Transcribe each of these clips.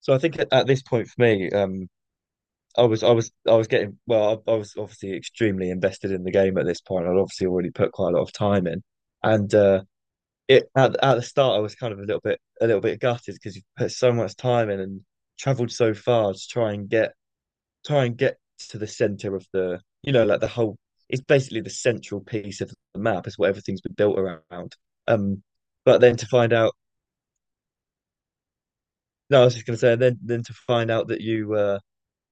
So I think at this point for me, I was I was I was getting well, I was obviously extremely invested in the game at this point. I'd obviously already put quite a lot of time in, and it at the start I was kind of a little bit gutted because you put so much time in and travelled so far to try and get to the centre of the like the whole it's basically the central piece of the map. It's what everything's been built around. Um, but then to find out no, I was just going to say then to find out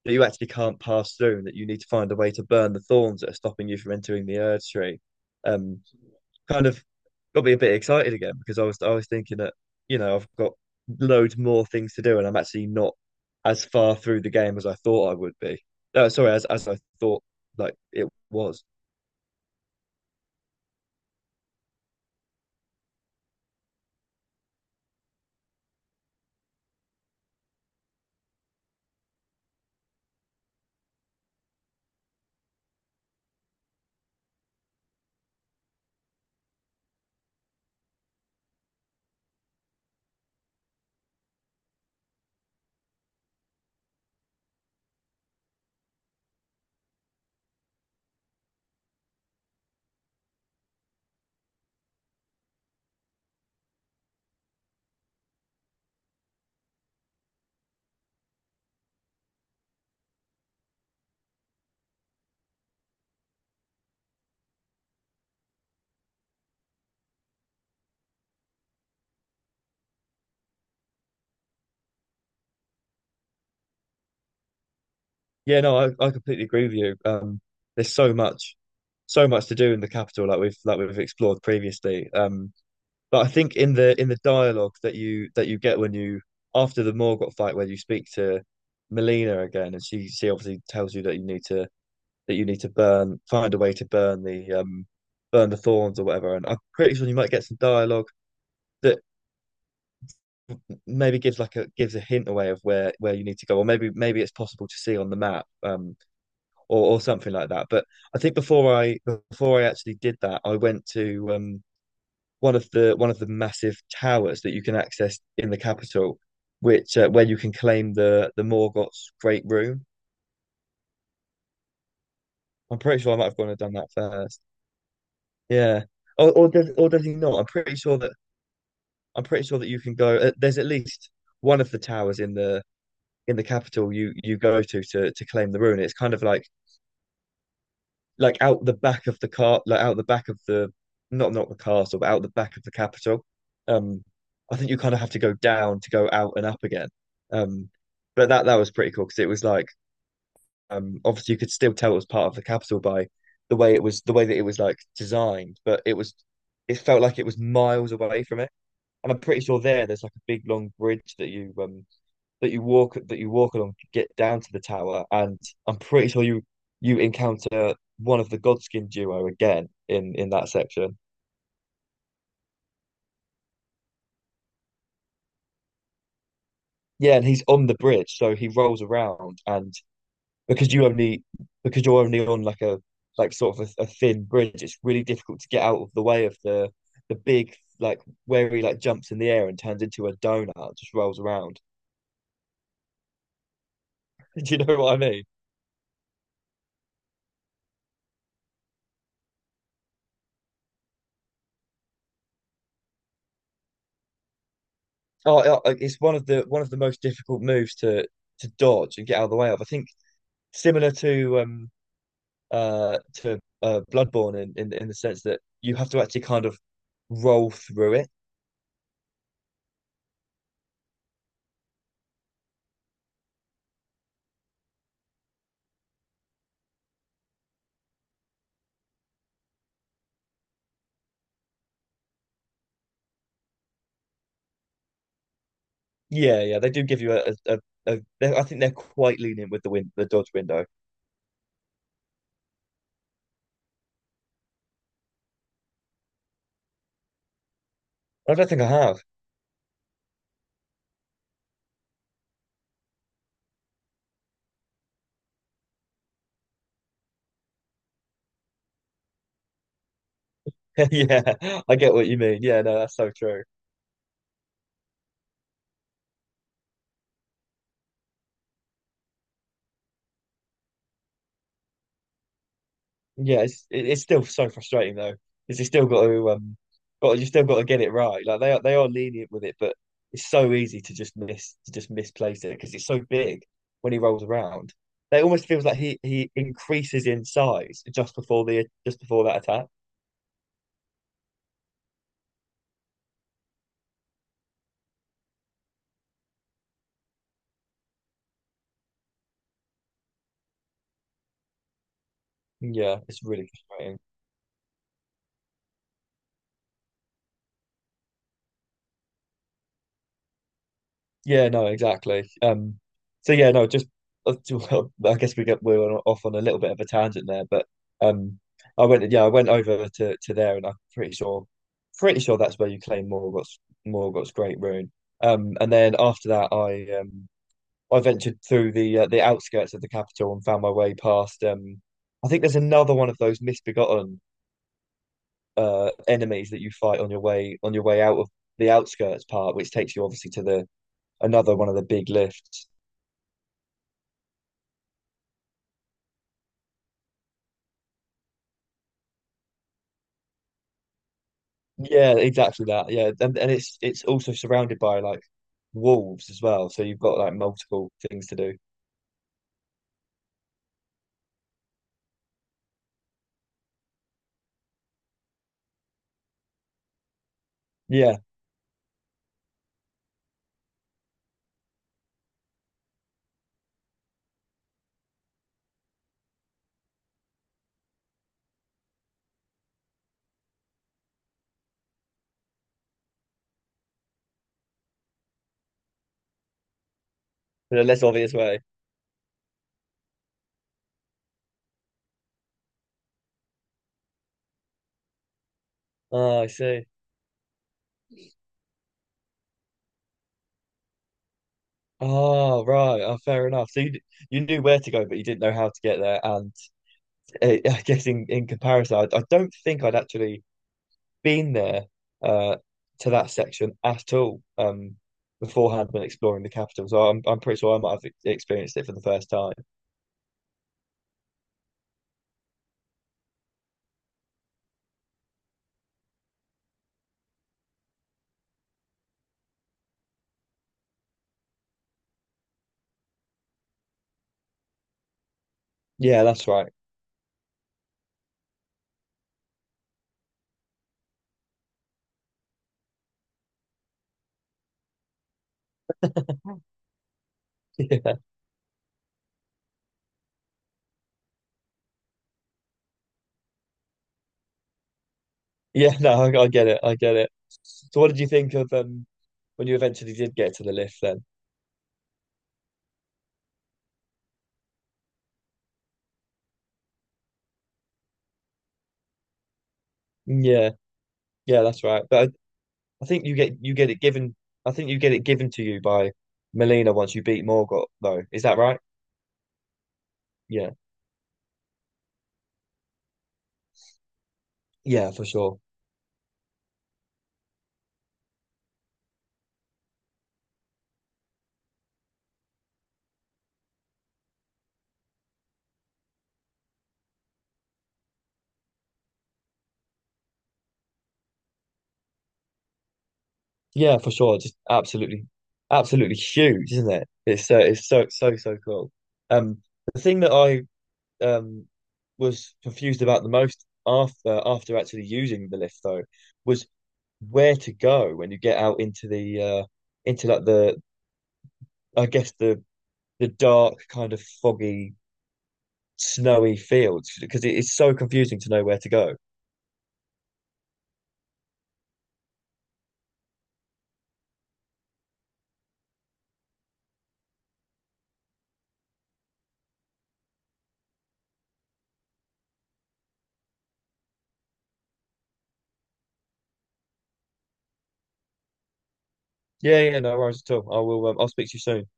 that you actually can't pass through and that you need to find a way to burn the thorns that are stopping you from entering the Erd tree. Um, kind of got me a bit excited again because I was thinking that, I've got loads more things to do and I'm actually not as far through the game as I thought I would be. No, sorry, as I thought like it was. Yeah, no, I completely agree with you. There's so much to do in the capital like we've explored previously. But I think in the dialogue that you get when you after the Morgott fight where you speak to Melina again and she obviously tells you that you need to that you need to burn find a way to burn the thorns or whatever, and I'm pretty sure you might get some dialogue that maybe gives like a gives a hint away of where you need to go, or maybe it's possible to see on the map, or or something like that. But I think before I actually did that, I went to one of the massive towers that you can access in the capital, which where you can claim the Morgoth's Great Room. I'm pretty sure I might have gone and done that first. Yeah, or does he not? I'm pretty sure that you can go. There's at least one of the towers in the capital you go to to claim the rune. It's kind of like out the back of the car, like out the back of the not the castle, but out the back of the capital. Um, I think you kind of have to go down to go out and up again. Um, but that was pretty cool because it was like obviously you could still tell it was part of the capital by the way it was the way that it was like designed, but it felt like it was miles away from it. And I'm pretty sure there's like a big long bridge that you that you walk along to get down to the tower, and I'm pretty sure you encounter one of the Godskin duo again in that section. Yeah, and he's on the bridge, so he rolls around, and because you only because you're only on like a sort of a thin bridge, it's really difficult to get out of the way of the big, like where he like jumps in the air and turns into a donut, just rolls around. Do you know what I mean? Oh, it's one of the most difficult moves to dodge and get out of the way of. I think similar to Bloodborne in the sense that you have to actually kind of roll through it. Yeah, yeah, they do give you a, a, I think they're quite lenient with the win the dodge window. I don't think I have. Yeah, I get what you mean. Yeah, no, that's so true. Yeah, it's still so frustrating though, because you still got to got you still got to get it right. Like they are lenient with it, but it's so easy to just miss to just misplace it because it's so big when he rolls around. It almost feels like he increases in size just before the just before that attack. Yeah, it's really frustrating. Yeah, no, exactly. So yeah, no, just I guess we were off on a little bit of a tangent there, but um, I went, yeah, I went over to there, and pretty sure that's where you claim Morgoth's Great Rune. And then after that, I ventured through the outskirts of the capital and found my way past, I think there's another one of those misbegotten enemies that you fight on your way out of the outskirts part, which takes you obviously to the another one of the big lifts. Yeah, exactly that. Yeah, and it's also surrounded by like wolves as well, so you've got like multiple things to do. Yeah, in a less obvious way. Oh, I see. Oh, right. Oh, fair enough. So you knew where to go, but you didn't know how to get there. And eh, I guess in comparison, I don't think I'd actually been there uh to that section at all, beforehand when exploring the capital. So I'm pretty sure I might have experienced it for the first time. Yeah, that's right. Yeah, no, I get it. I get it. So what did you think of when you eventually did get to the lift then? Yeah, yeah, that's right. But I think you get it given I think you get it given to you by Melina once you beat Morgott though. Is that right? Yeah. Yeah, for sure. Yeah, for sure. Just absolutely huge, isn't it? It's so so cool. Um the thing that I um was confused about the most after actually using the lift though was where to go when you get out into the into like the I guess the dark kind of foggy snowy fields because it is so confusing to know where to go. Yeah, yeah, no worries at all. I'll speak to you soon.